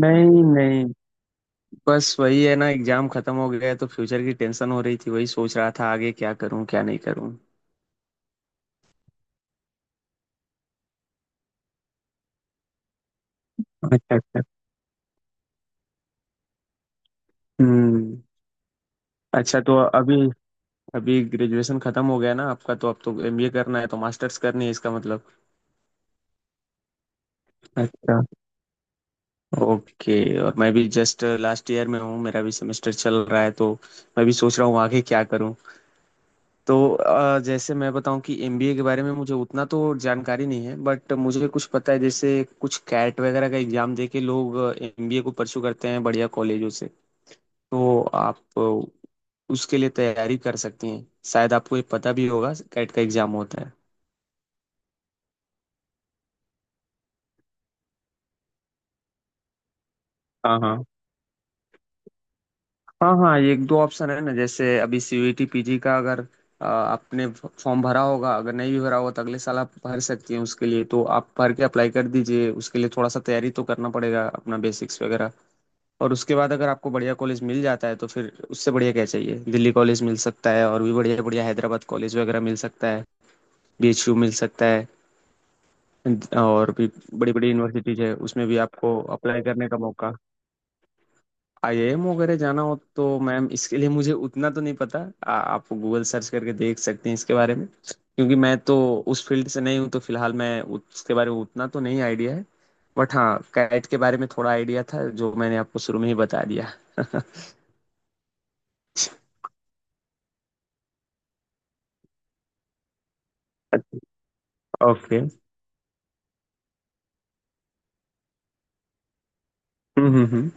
नहीं नहीं, बस वही है ना एग्जाम खत्म हो गया है, तो फ्यूचर की टेंशन हो रही थी वही सोच रहा था आगे क्या करूं क्या नहीं करूं। अच्छा अच्छा। हम्म। अच्छा तो अभी अभी ग्रेजुएशन खत्म हो गया ना आपका, तो अब तो एमबीए करना है तो मास्टर्स करनी है इसका मतलब। अच्छा। ओके। और मैं भी जस्ट लास्ट ईयर में हूँ मेरा भी सेमेस्टर चल रहा है, तो मैं भी सोच रहा हूँ आगे क्या करूँ। तो जैसे मैं बताऊं कि एमबीए के बारे में मुझे उतना तो जानकारी नहीं है बट मुझे कुछ पता है, जैसे कुछ कैट वगैरह का एग्जाम दे के लोग एमबीए को परस्यू करते हैं बढ़िया कॉलेजों से। तो आप उसके लिए तैयारी कर सकती हैं, शायद आपको ये पता भी होगा कैट का एग्जाम होता है। हाँ हाँ। हाँ हाँ, ये एक दो ऑप्शन है ना, जैसे अभी सीयूईटी पीजी का अगर आपने फॉर्म भरा होगा, अगर नहीं भी भरा होगा तो अगले साल आप भर सकती हैं उसके लिए, तो आप भर के अप्लाई कर दीजिए। उसके लिए थोड़ा सा तैयारी तो करना पड़ेगा अपना बेसिक्स वगैरह, और उसके बाद अगर आपको बढ़िया कॉलेज मिल जाता है तो फिर उससे बढ़िया क्या चाहिए। दिल्ली कॉलेज मिल सकता है, और भी बढ़िया बढ़िया हैदराबाद कॉलेज वगैरह मिल सकता है, बीएचयू मिल सकता है, और भी बड़ी बड़ी यूनिवर्सिटीज है उसमें भी आपको अप्लाई करने का मौका। आईआईएम वगैरह जाना हो तो मैम इसके लिए मुझे उतना तो नहीं पता। आप गूगल सर्च करके देख सकते हैं इसके बारे में क्योंकि मैं तो उस फील्ड से नहीं हूँ, तो फिलहाल मैं उसके बारे में उतना तो नहीं आइडिया है। बट हाँ, कैट के बारे में थोड़ा आइडिया था जो मैंने आपको शुरू में ही बता दिया। ओके। हम्म।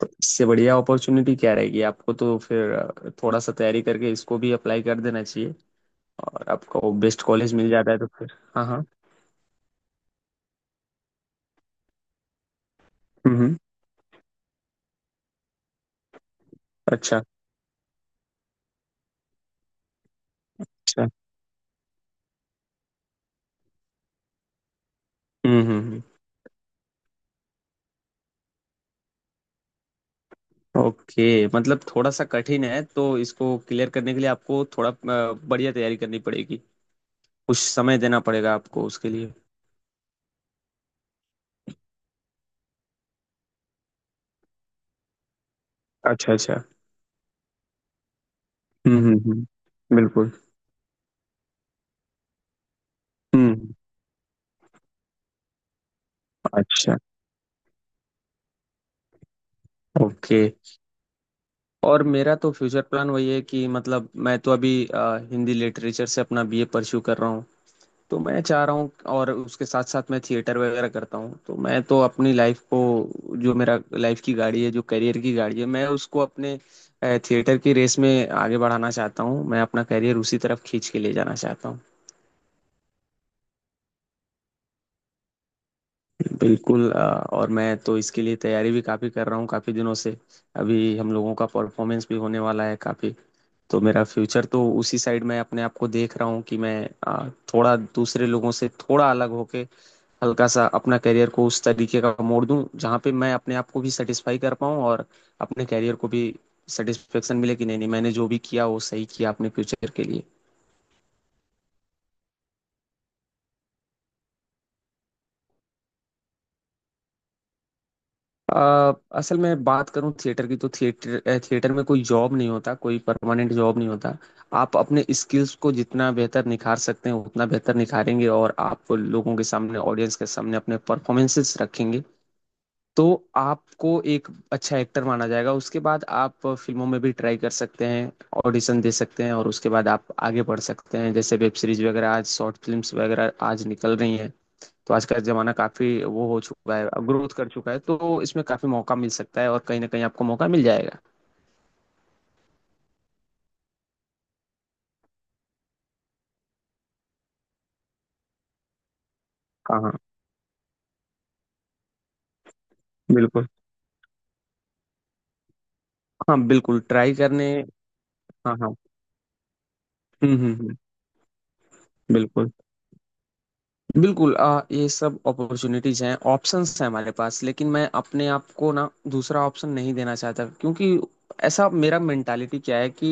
तो इससे बढ़िया अपॉर्चुनिटी क्या रहेगी आपको, तो फिर थोड़ा सा तैयारी करके इसको भी अप्लाई कर देना चाहिए, और आपको बेस्ट कॉलेज मिल जाता है तो फिर हाँ हाँ। हम्म। अच्छा अच्छा। हम्म हम्म हम्म। ओके मतलब थोड़ा सा कठिन है, तो इसको क्लियर करने के लिए आपको थोड़ा बढ़िया तैयारी करनी पड़ेगी, कुछ समय देना पड़ेगा आपको उसके लिए। अच्छा अच्छा। बिल्कुल। हम्म। अच्छा। ओके। और मेरा तो फ्यूचर प्लान वही है कि मतलब मैं तो अभी हिंदी लिटरेचर से अपना बीए परस्यू कर रहा हूँ, तो मैं चाह रहा हूँ, और उसके साथ साथ मैं थिएटर वगैरह करता हूँ, तो मैं तो अपनी लाइफ को, जो मेरा लाइफ की गाड़ी है जो करियर की गाड़ी है मैं उसको अपने थिएटर की रेस में आगे बढ़ाना चाहता हूँ, मैं अपना करियर उसी तरफ खींच के ले जाना चाहता हूँ। बिल्कुल और मैं तो इसके लिए तैयारी भी काफ़ी कर रहा हूँ काफ़ी दिनों से, अभी हम लोगों का परफॉर्मेंस भी होने वाला है काफ़ी, तो मेरा फ्यूचर तो उसी साइड में अपने आप को देख रहा हूँ कि मैं आ, थोड़ा दूसरे लोगों से थोड़ा अलग होके हल्का सा अपना करियर को उस तरीके का मोड़ दूं जहाँ पे मैं अपने आप को भी सेटिस्फाई कर पाऊँ, और अपने करियर को भी सेटिस्फेक्शन मिले कि नहीं नहीं मैंने जो भी किया वो सही किया अपने फ्यूचर के लिए। अ, असल में बात करूं थिएटर की, तो थिएटर में कोई जॉब नहीं होता, कोई परमानेंट जॉब नहीं होता। आप अपने स्किल्स को जितना बेहतर निखार सकते हैं उतना बेहतर निखारेंगे, और आप लोगों के सामने ऑडियंस के सामने अपने परफॉर्मेंसेस रखेंगे, तो आपको एक अच्छा एक्टर माना जाएगा। उसके बाद आप फिल्मों में भी ट्राई कर सकते हैं, ऑडिशन दे सकते हैं, और उसके बाद आप आगे बढ़ सकते हैं। जैसे वेब सीरीज वगैरह आज शॉर्ट फिल्म्स वगैरह आज निकल रही हैं, तो आज का जमाना काफी वो हो चुका है, ग्रोथ कर चुका है, तो इसमें काफी मौका मिल सकता है और कहीं ना कहीं आपको मौका मिल जाएगा। हाँ हाँ, बिल्कुल। हाँ, बिल्कुल ट्राई करने। हाँ हाँ। हम्म। बिल्कुल, बिल्कुल ये सब अपॉर्चुनिटीज हैं ऑप्शंस हैं हमारे पास, लेकिन मैं अपने आप को ना दूसरा ऑप्शन नहीं देना चाहता, क्योंकि ऐसा मेरा मेंटालिटी क्या है कि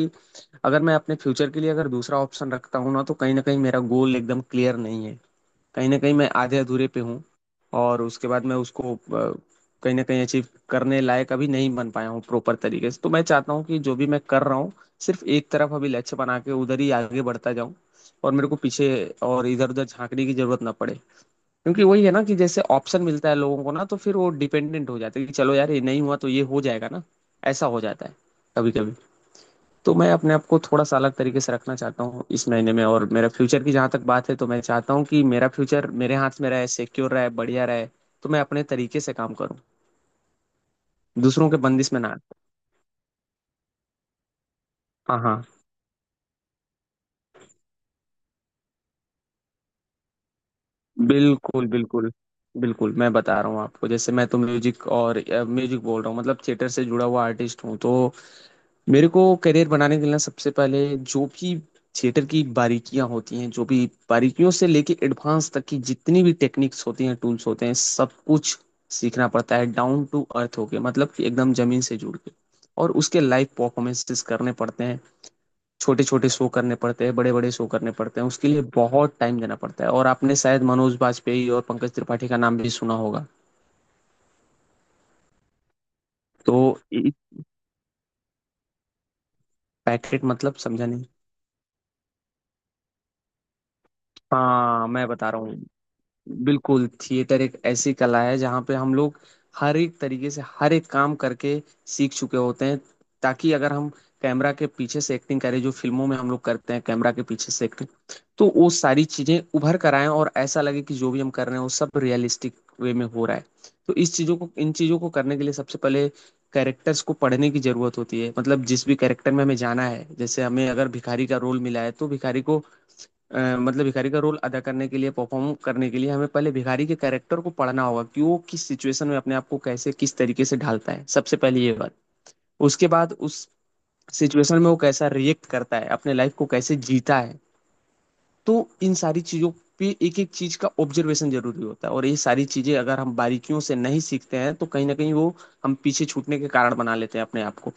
अगर मैं अपने फ्यूचर के लिए अगर दूसरा ऑप्शन रखता हूँ ना तो कहीं ना कहीं मेरा गोल एकदम क्लियर नहीं है, कहीं ना कहीं मैं आधे अधूरे पे हूँ, और उसके बाद मैं उसको कहीं ना कहीं अचीव करने लायक अभी नहीं बन पाया हूँ प्रॉपर तरीके से। तो मैं चाहता हूँ कि जो भी मैं कर रहा हूँ सिर्फ एक तरफ अभी लक्ष्य बना के उधर ही आगे बढ़ता जाऊँ, और मेरे को पीछे और इधर उधर झांकने की जरूरत ना पड़े। क्योंकि वही है ना कि जैसे ऑप्शन मिलता है लोगों को ना, तो फिर वो डिपेंडेंट हो जाते हैं कि चलो यार ये नहीं हुआ तो ये हो जाएगा ना, ऐसा हो जाता है कभी कभी। तो मैं अपने आप को थोड़ा सा अलग तरीके से रखना चाहता हूँ इस महीने में, और मेरा फ्यूचर की जहाँ तक बात है तो मैं चाहता हूँ कि मेरा फ्यूचर मेरे हाथ में रहे सिक्योर रहे बढ़िया रहे, तो मैं अपने तरीके से काम करूँ, दूसरों के बंदिश में ना आए। हाँ हाँ, बिल्कुल बिल्कुल। बिल्कुल मैं बता रहा हूँ आपको, जैसे मैं तो म्यूजिक और म्यूजिक बोल रहा हूँ मतलब थिएटर से जुड़ा हुआ आर्टिस्ट हूँ, तो मेरे को करियर बनाने के लिए सबसे पहले जो भी थिएटर की बारीकियां होती हैं, जो भी बारीकियों से लेके एडवांस तक की जितनी भी टेक्निक्स होती हैं टूल्स होते हैं सब कुछ सीखना पड़ता है डाउन टू अर्थ होके, मतलब कि एकदम जमीन से जुड़ के। और उसके लाइव परफॉर्मेंसेस करने पड़ते हैं, छोटे छोटे शो करने पड़ते हैं बड़े बड़े शो करने पड़ते हैं, उसके लिए बहुत टाइम देना पड़ता है, और आपने शायद मनोज बाजपेयी और पंकज त्रिपाठी का नाम भी सुना होगा। तो पैकेट मतलब समझा नहीं। हाँ, मैं बता रहा हूँ। बिल्कुल थिएटर एक ऐसी कला है जहाँ पे हम लोग हर एक तरीके से हर एक काम करके सीख चुके होते हैं, ताकि अगर हम कैमरा के पीछे से एक्टिंग करें, जो फिल्मों में हम लोग करते हैं कैमरा के पीछे से एक्टिंग, तो वो सारी चीजें उभर कर आए और ऐसा लगे कि जो भी हम कर रहे हैं वो सब रियलिस्टिक वे में हो रहा है। तो इस चीजों को इन चीजों को करने के लिए सबसे पहले कैरेक्टर्स को पढ़ने की जरूरत होती है, मतलब जिस भी कैरेक्टर में हमें जाना है जैसे हमें अगर भिखारी का रोल मिला है तो भिखारी को मतलब भिखारी का रोल अदा करने के लिए परफॉर्म करने के लिए हमें पहले भिखारी के कैरेक्टर को पढ़ना होगा कि वो किस सिचुएशन में अपने आप को कैसे किस तरीके से ढालता है, सबसे पहले ये बात। उसके बाद उस सिचुएशन में वो कैसा रिएक्ट करता है अपने लाइफ को कैसे जीता है। तो इन सारी चीज़ों पे एक एक चीज़ का ऑब्जर्वेशन जरूरी होता है, और ये सारी चीज़ें अगर हम बारीकियों से नहीं सीखते हैं तो कहीं ना कहीं वो हम पीछे छूटने के कारण बना लेते हैं अपने आप को।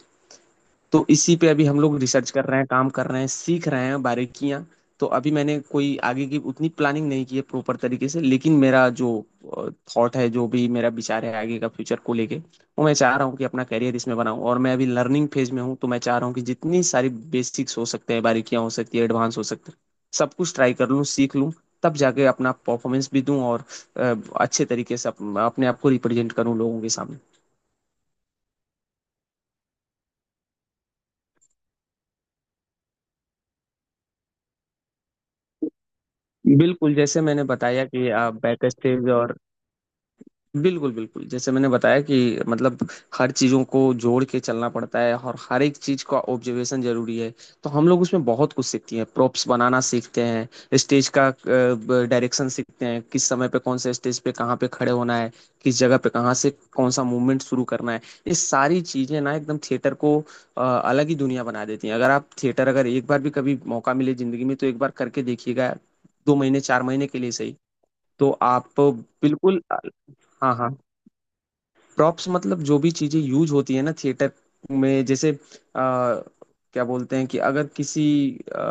तो इसी पे अभी हम लोग रिसर्च कर रहे हैं काम कर रहे हैं सीख रहे हैं बारीकियां। तो अभी मैंने कोई आगे की उतनी प्लानिंग नहीं की है प्रॉपर तरीके से, लेकिन मेरा जो थॉट है जो भी मेरा विचार है आगे का फ्यूचर को लेके, वो मैं चाह रहा हूँ कि अपना करियर इसमें बनाऊँ, और मैं अभी लर्निंग फेज में हूँ तो मैं चाह रहा हूँ कि जितनी सारी बेसिक्स हो सकते हैं बारीकियां हो सकती है एडवांस हो सकते हैं सब कुछ ट्राई कर लूँ सीख लूँ, तब जाके अपना परफॉर्मेंस भी दूं, और अ, अच्छे तरीके से अपने आप को रिप्रेजेंट करूं लोगों के सामने। बिल्कुल जैसे मैंने बताया कि बैक स्टेज और बिल्कुल, बिल्कुल। जैसे मैंने बताया कि मतलब हर चीज़ों को जोड़ के चलना पड़ता है, और हर एक चीज़ का ऑब्जर्वेशन ज़रूरी है। तो हम लोग उसमें बहुत कुछ सीखते हैं, प्रॉप्स बनाना सीखते हैं, स्टेज का ब डायरेक्शन सीखते हैं, किस समय पे कौन-से स्टेज पे कहाँ पे खड़े होना है, किस जगह पे कहाँ से कौन-सा मूवमेंट शुरू करना है। ये सारी चीज़ें ना एकदम थिएटर को अलग ही दुनिया बना देती हैं। अगर आप थिएटर अगर एक बार भी कभी मौका मिले ज़िंदगी में तो एक बार करके देखिएगा, 2 महीने, 4 महीने के लिए सही, तो आप बिल्कुल हाँ, हाँ। प्रॉप्स मतलब जो भी चीजें यूज होती है ना थिएटर में, जैसे आ, क्या बोलते हैं कि अगर किसी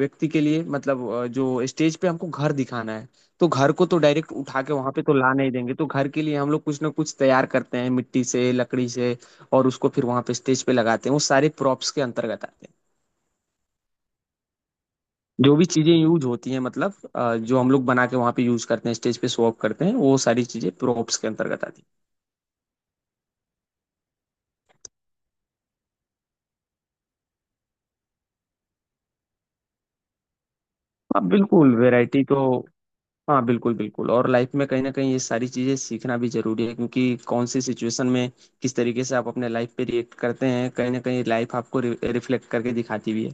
व्यक्ति के लिए मतलब जो स्टेज पे हमको घर दिखाना है, तो घर को तो डायरेक्ट उठा के वहां पे तो ला नहीं देंगे, तो घर के लिए हम लोग कुछ ना कुछ तैयार करते हैं मिट्टी से लकड़ी से और उसको फिर वहां पे स्टेज पे लगाते हैं, वो सारे प्रॉप्स के अंतर्गत आते हैं। जो भी चीजें यूज होती हैं मतलब जो हम लोग बना के वहां पे यूज करते हैं स्टेज पे शो ऑफ करते हैं वो सारी चीजें प्रॉप्स के अंतर्गत आती हैं। हाँ बिल्कुल वैरायटी तो हाँ बिल्कुल बिल्कुल, और लाइफ में कहीं ना कहीं ये सारी चीज़ें सीखना भी जरूरी है, क्योंकि कौन सी सिचुएशन में किस तरीके से आप अपने लाइफ पे रिएक्ट करते हैं कहीं ना कहीं लाइफ आपको रिफ्लेक्ट करके दिखाती भी है।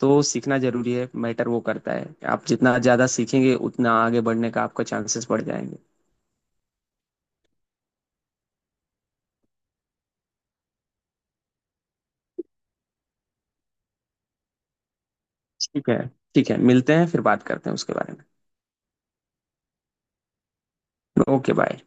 तो सीखना जरूरी है, मैटर वो करता है। आप जितना ज़्यादा सीखेंगे उतना आगे बढ़ने का आपका चांसेस बढ़ जाएंगे। ठीक है। ठीक है, मिलते हैं फिर बात करते हैं उसके बारे में। Okay bye.